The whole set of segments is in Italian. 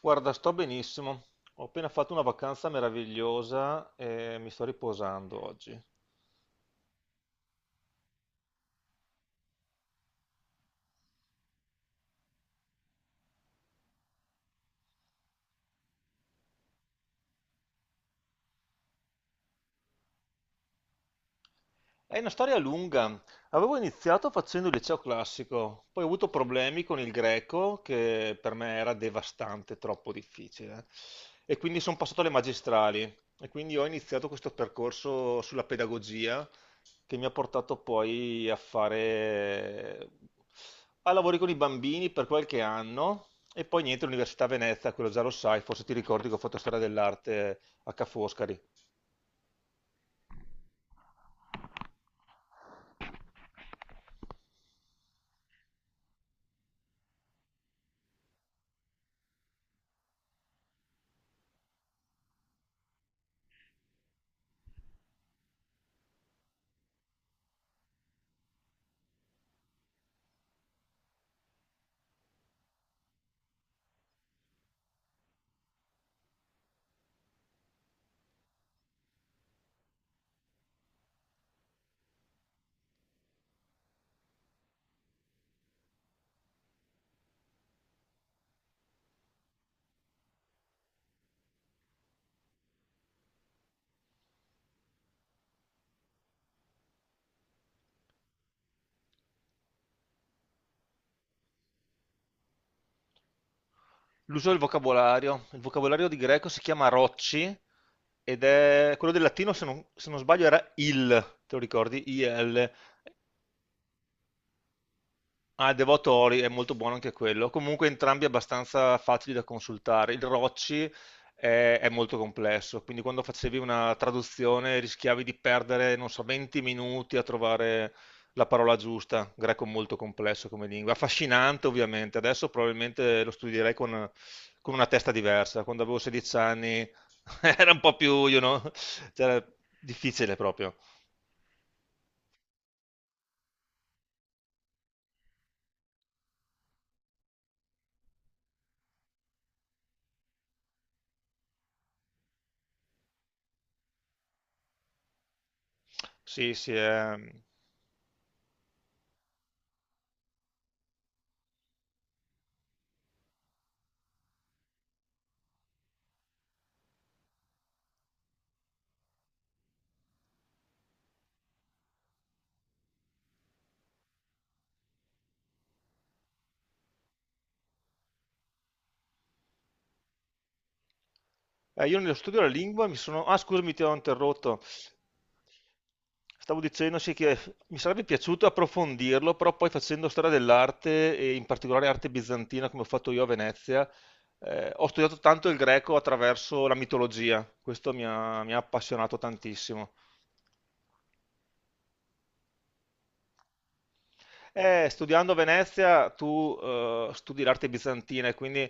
Guarda, sto benissimo. Ho appena fatto una vacanza meravigliosa e mi sto riposando oggi. È una storia lunga. Avevo iniziato facendo il liceo classico, poi ho avuto problemi con il greco, che per me era devastante, troppo difficile. E quindi sono passato alle magistrali e quindi ho iniziato questo percorso sulla pedagogia che mi ha portato poi a fare a lavori con i bambini per qualche anno e poi niente, l'Università Venezia, quello già lo sai, forse ti ricordi che ho fatto storia dell'arte a Ca' Foscari. L'uso del vocabolario. Il vocabolario di greco si chiama rocci ed è quello del latino, se non sbaglio, era il, te lo ricordi? IL. Ah, il Devotori è molto buono anche quello. Comunque entrambi abbastanza facili da consultare. Il Rocci è molto complesso, quindi quando facevi una traduzione rischiavi di perdere, non so, 20 minuti a trovare la parola giusta. Greco molto complesso come lingua. Affascinante, ovviamente. Adesso probabilmente lo studierei con una testa diversa. Quando avevo 16 anni era un po' più, cioè, difficile proprio. Sì, sì, è... io nello studio della lingua mi sono... Ah, scusami, ti ho interrotto. Stavo dicendo sì, che mi sarebbe piaciuto approfondirlo, però poi facendo storia dell'arte, e in particolare arte bizantina, come ho fatto io a Venezia, ho studiato tanto il greco attraverso la mitologia. Questo mi ha appassionato tantissimo. Studiando a Venezia tu studi l'arte bizantina e quindi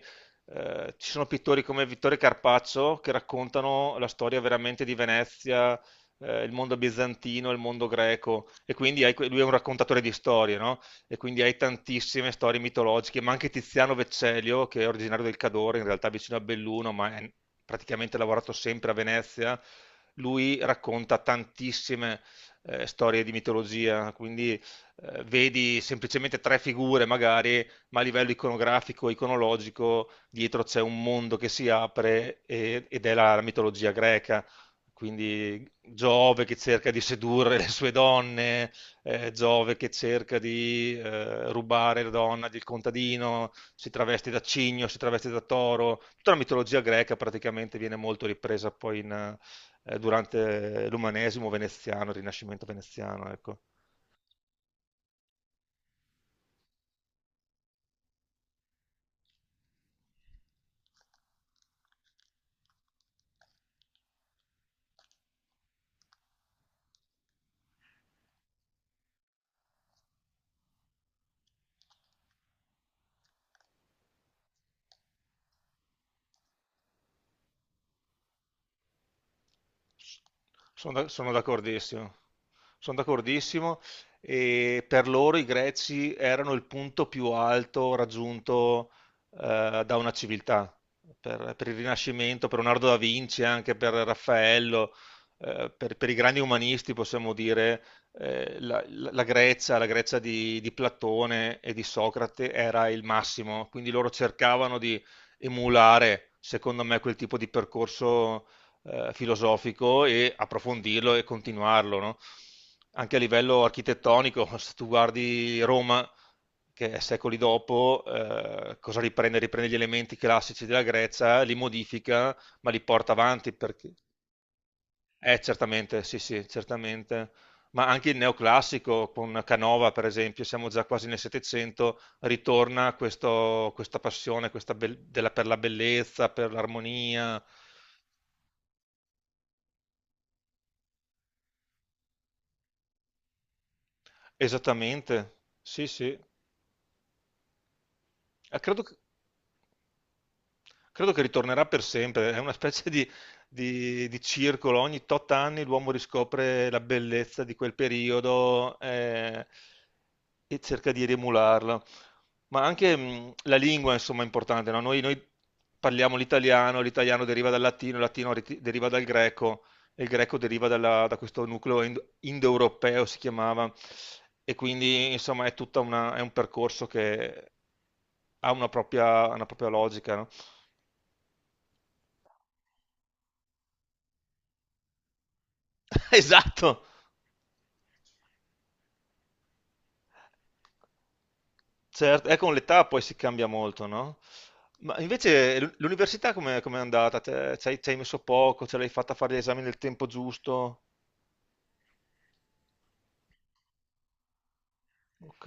ci sono pittori come Vittorio Carpaccio che raccontano la storia veramente di Venezia, il mondo bizantino, il mondo greco e quindi hai lui è un raccontatore di storie, no? E quindi hai tantissime storie mitologiche, ma anche Tiziano Vecellio che è originario del Cadore, in realtà vicino a Belluno, ma è praticamente lavorato sempre a Venezia, lui racconta tantissime storie di mitologia, quindi vedi semplicemente tre figure magari, ma a livello iconografico, iconologico, dietro c'è un mondo che si apre ed è la mitologia greca. Quindi Giove che cerca di sedurre le sue donne, Giove che cerca di rubare la donna del contadino, si traveste da cigno, si traveste da toro. Tutta la mitologia greca praticamente viene molto ripresa poi durante l'umanesimo veneziano, il Rinascimento veneziano, ecco. Sono d'accordissimo, sono d'accordissimo e per loro i Greci erano il punto più alto raggiunto da una civiltà. Per il Rinascimento, per Leonardo da Vinci, anche per Raffaello, per i grandi umanisti possiamo dire la Grecia, la Grecia, di Platone e di Socrate era il massimo, quindi loro cercavano di emulare, secondo me, quel tipo di percorso filosofico e approfondirlo e continuarlo, no? Anche a livello architettonico, se tu guardi Roma, che è secoli dopo, cosa riprende? Riprende gli elementi classici della Grecia, li modifica, ma li porta avanti perché... certamente, sì, sì, certamente. Ma anche il neoclassico con Canova, per esempio, siamo già quasi nel Settecento, ritorna questa passione per la bellezza, per l'armonia. Esattamente, sì, sì. Credo che Credo che ritornerà per sempre, è una specie di, di circolo, ogni tot anni l'uomo riscopre la bellezza di quel periodo e cerca di riemularla. Ma anche la lingua, insomma, è importante, no? Noi parliamo l'italiano, l'italiano deriva dal latino, il latino deriva dal greco, e il greco deriva da questo nucleo indoeuropeo, si chiamava, e quindi, insomma, è un percorso che ha una propria logica, no? Esatto. Certo, con l'età poi si cambia molto, no? Ma invece l'università com'è, andata? Ci hai messo poco, ce l'hai fatta fare gli esami nel tempo giusto? Ok.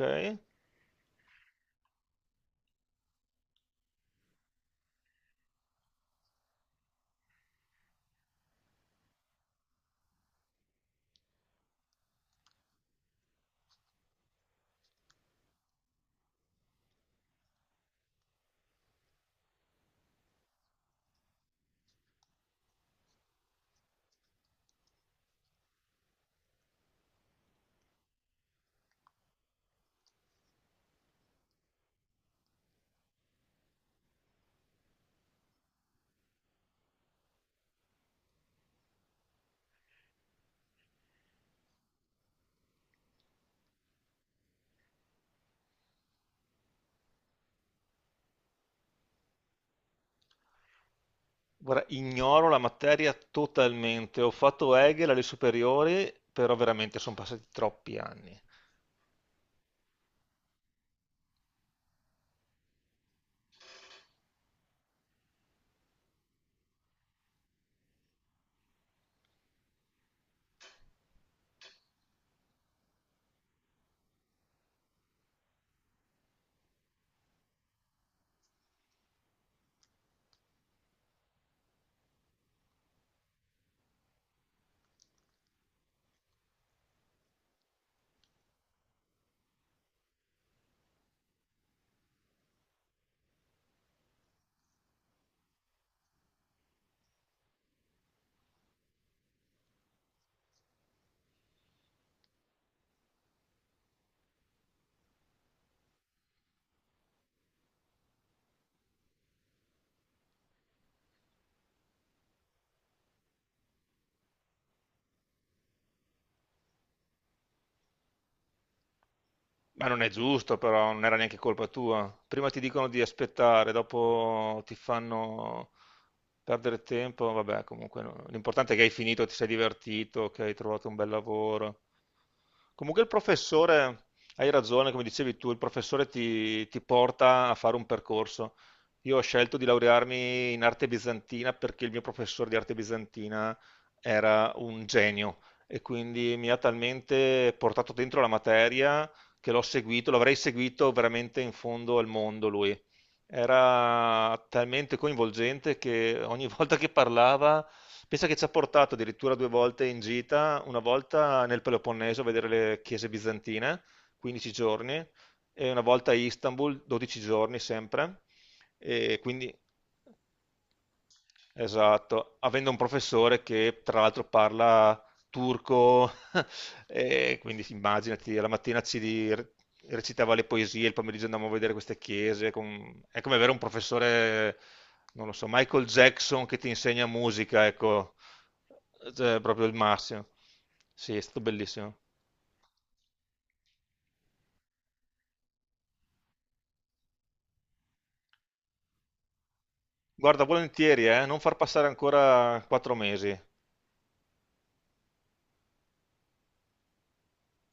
Guarda, ignoro la materia totalmente. Ho fatto Hegel alle superiori, però veramente sono passati troppi anni. Ma non è giusto, però non era neanche colpa tua. Prima ti dicono di aspettare, dopo ti fanno perdere tempo. Vabbè, comunque no. L'importante è che hai finito, ti sei divertito, che hai trovato un bel lavoro. Comunque il professore, hai ragione, come dicevi tu, il professore ti, ti porta a fare un percorso. Io ho scelto di laurearmi in arte bizantina perché il mio professore di arte bizantina era un genio e quindi mi ha talmente portato dentro la materia che l'ho seguito, l'avrei seguito veramente in fondo al mondo lui. Era talmente coinvolgente che ogni volta che parlava, pensa che ci ha portato addirittura due volte in gita, una volta nel Peloponneso a vedere le chiese bizantine, 15 giorni, e una volta a Istanbul, 12 giorni sempre. E quindi, esatto, avendo un professore che tra l'altro parla turco, e quindi sì, immaginati, alla mattina ci recitava le poesie, il pomeriggio andavamo a vedere queste chiese. È come avere un professore, non lo so, Michael Jackson che ti insegna musica, ecco. Cioè, proprio il massimo. Sì, è stato bellissimo. Guarda, volentieri, non far passare ancora 4 mesi.